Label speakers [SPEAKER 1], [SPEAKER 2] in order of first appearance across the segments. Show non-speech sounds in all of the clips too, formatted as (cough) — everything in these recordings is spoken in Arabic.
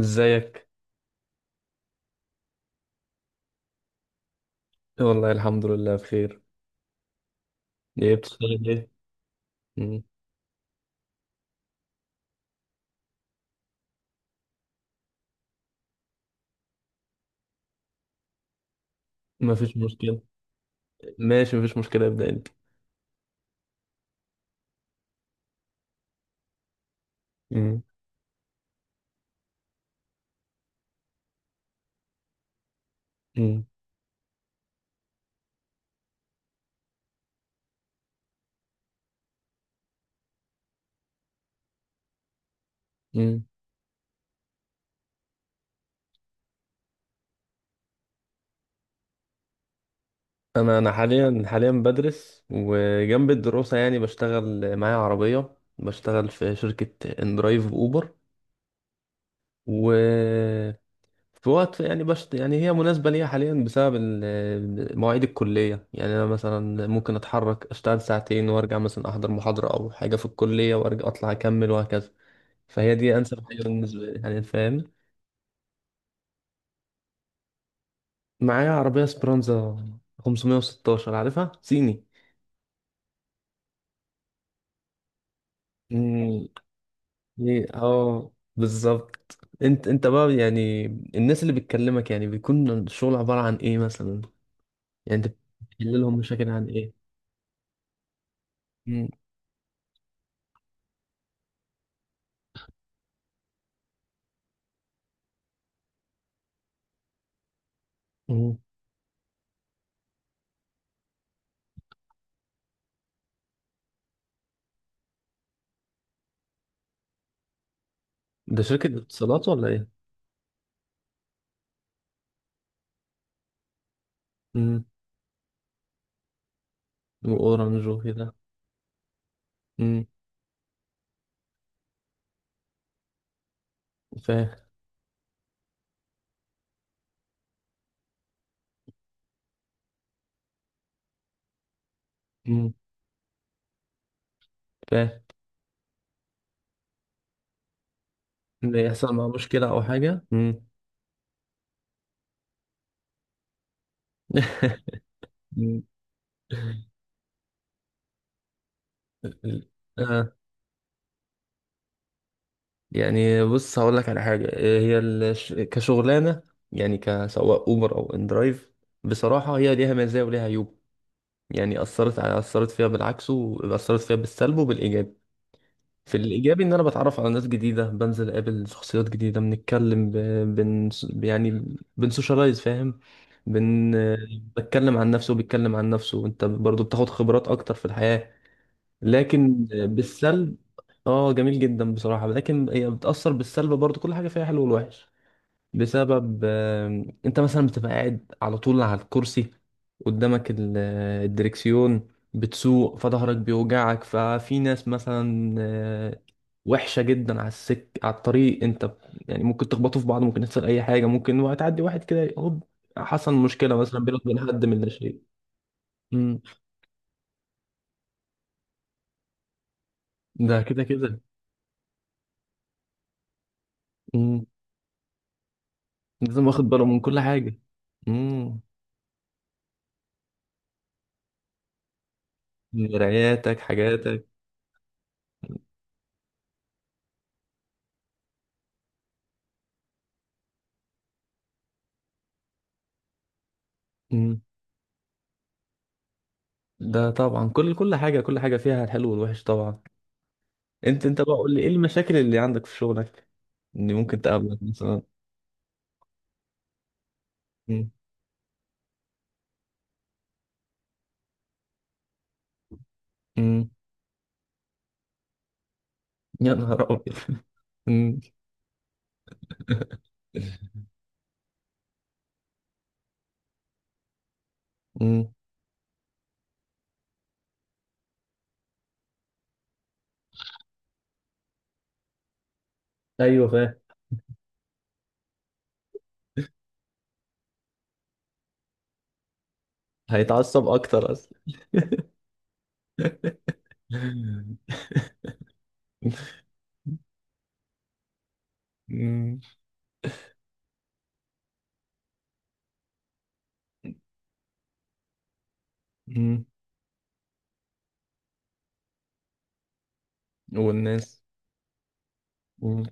[SPEAKER 1] ازيك؟ والله الحمد لله بخير. ايه بتشتغل ايه؟ مم. مفيش مشكله. ماشي، مفيش مشكله، ابدا انت. مم. مم. مم. انا حاليا بدرس، وجنب الدراسه يعني بشتغل معايا عربيه، بشتغل في شركه اندرايف اوبر. و في وقت، يعني بشت يعني هي مناسبه ليا حاليا بسبب مواعيد الكليه. يعني انا مثلا ممكن اتحرك اشتغل ساعتين وارجع، مثلا احضر محاضره او حاجه في الكليه، وارجع اطلع اكمل وهكذا. فهي دي انسب حاجه بالنسبه لي، يعني فاهم؟ معايا عربيه سبرانزا 516، عارفها صيني. مم، إيه، اه بالظبط. انت بقى يعني، الناس اللي بتكلمك، يعني بيكون الشغل عباره عن ايه مثلا؟ يعني انت بتحل لهم مشاكل عن ايه؟ مم، مم. ده شركه اتصالات ولا ايه؟ مم، واورنج وكده. مم، فاهم. مم، فاهم. إن يحصل معاه مشكله او حاجه. مم. (laughs) مم. آه. يعني بص، هقول لك على حاجة، كشغلانة، يعني كسواق أوبر أو إندرايف. بصراحة هي ليها مزايا وليها عيوب. يعني أثرت فيها بالعكس، وأثرت فيها بالسلب وبالإيجاب. في الإيجابي إن أنا بتعرف على ناس جديدة، بنزل أقابل شخصيات جديدة، بنتكلم بن... يعني بنسوشيالايز، فاهم؟ بن... بتكلم عن نفسه وبيتكلم عن نفسه، وأنت برضو بتاخد خبرات أكتر في الحياة. لكن بالسلب. اه جميل جدا بصراحة، لكن هي بتأثر بالسلب برضو، كل حاجة فيها حلو والوحش. بسبب انت مثلا بتبقى قاعد على طول على الكرسي، قدامك الدركسيون، بتسوق فظهرك بيوجعك. ففي ناس مثلا وحشة جدا على السك على الطريق. انت يعني ممكن تخبطوا في بعض، ممكن يحصل اي حاجة، ممكن وهتعدي واحد كده هوب، حصل مشكلة مثلا بينك وبين حد من الناشئين. مم. ده كده كده. مم. لازم واخد باله من كل حاجة. مم. مراياتك حاجاتك. مم. ده طبعا، كل حاجة فيها الحلو والوحش طبعا. انت بقى قول لي، ايه المشاكل اللي عندك في شغلك اللي ممكن تقابلك مثلا؟ مم. مم. يا نهار ابيض. (laughs) مم. مم. ايوه فاهم. هيتعصب اكتر اصلا. مم. مم. والناس. مم.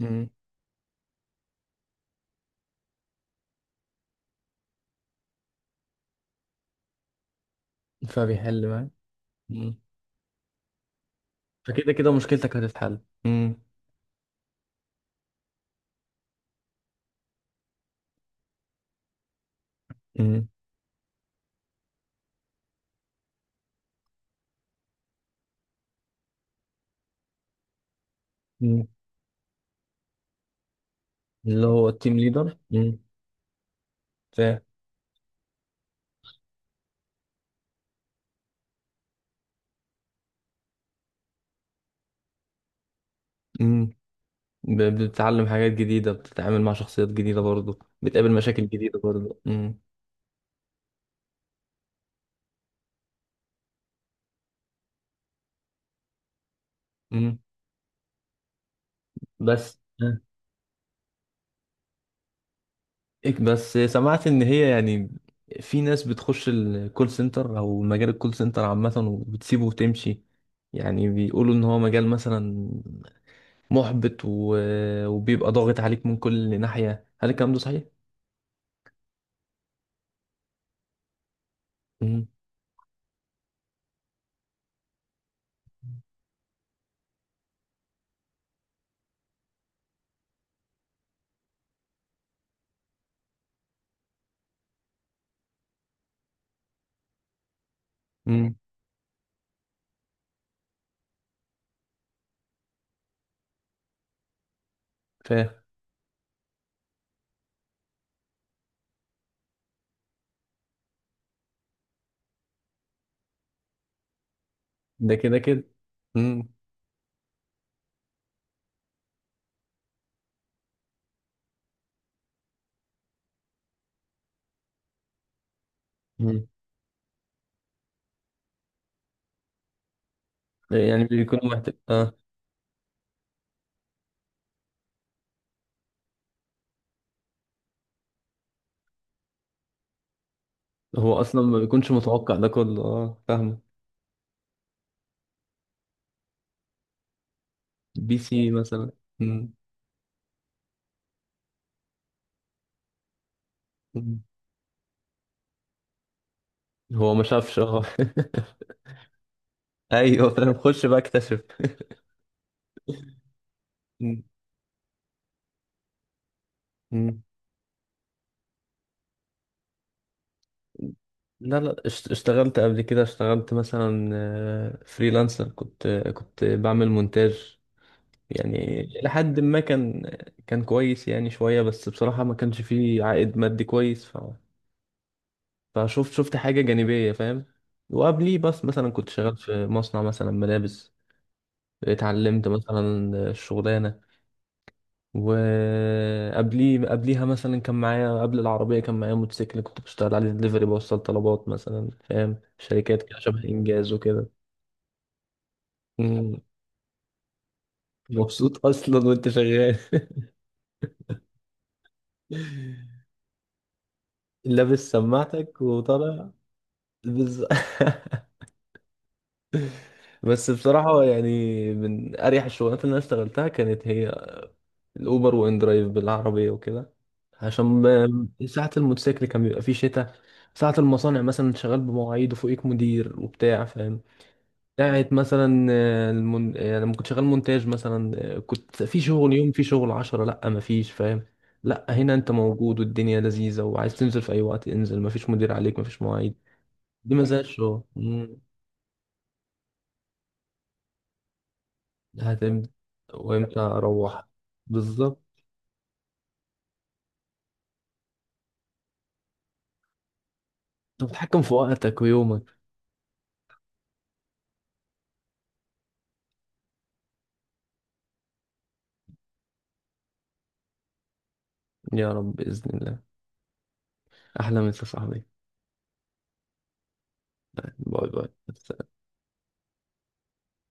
[SPEAKER 1] مم. فبيحل معاك. مم. فكده كده مشكلتك هتتحل. مم. مم. مم. اللي هو التيم ليدر. مم. فاهم. بتتعلم حاجات جديدة، بتتعامل مع شخصيات جديدة برضو، بتقابل مشاكل جديدة برضو. مم. مم. بس آه. بس سمعت إن هي، يعني في ناس بتخش الكول سنتر أو مجال الكول سنتر عامة وبتسيبه وتمشي. يعني بيقولوا إن هو مجال مثلا محبط وبيبقى ضاغط عليك من كل ناحية. هل الكلام ده صحيح؟ مم. مم. فاهم. ده كده كده. مم. مم. يعني بيكونوا محتاج، اه. هو اصلا ما بيكونش متوقع ده كله، اه فاهمك. بي سي مثلا. مم. مم. هو ما شافش، اه. (laughs) ايوه فاهم، خش بقى اكتشف. مم. مم. لا لا، اشتغلت قبل كده. اشتغلت مثلا فريلانسر، كنت بعمل مونتاج، يعني لحد ما كان كويس يعني شوية. بس بصراحة ما كانش فيه عائد مادي كويس فشفت حاجة جانبية، فاهم؟ وقبليه بس مثلا كنت شغال في مصنع مثلا ملابس، اتعلمت مثلا الشغلانة. وقبليه قبليها مثلا كان معايا قبل العربية، كان معايا موتوسيكل كنت بشتغل عليه دليفري، بوصل طلبات مثلا، فاهم، شركات كده شبه إنجاز وكده. مم. مبسوط أصلا وأنت شغال. (laughs) لابس سماعتك وطالع. بز... (laughs) بس بصراحة، يعني من أريح الشغلات اللي أنا اشتغلتها كانت هي الأوبر وإن درايف بالعربية وكده. عشان ساعة الموتوسيكل كان بيبقى فيه شتاء، ساعة المصانع مثلا شغال بمواعيد وفوقيك مدير وبتاع، فاهم؟ بتاعت مثلا آه، المون... آه، لما كنت شغال مونتاج مثلا، كنت في شغل يوم، في شغل 10، لأ مفيش، فاهم؟ لأ هنا أنت موجود والدنيا لذيذة، وعايز تنزل في أي وقت انزل، مفيش مدير عليك، مفيش مواعيد. دي مزاج شغل. مم. هتمتى وإمتى أروح. بالظبط. أنت بتتحكم في وقتك ويومك. يا رب بإذن الله. أحلى مسا يا صاحبي. باي باي.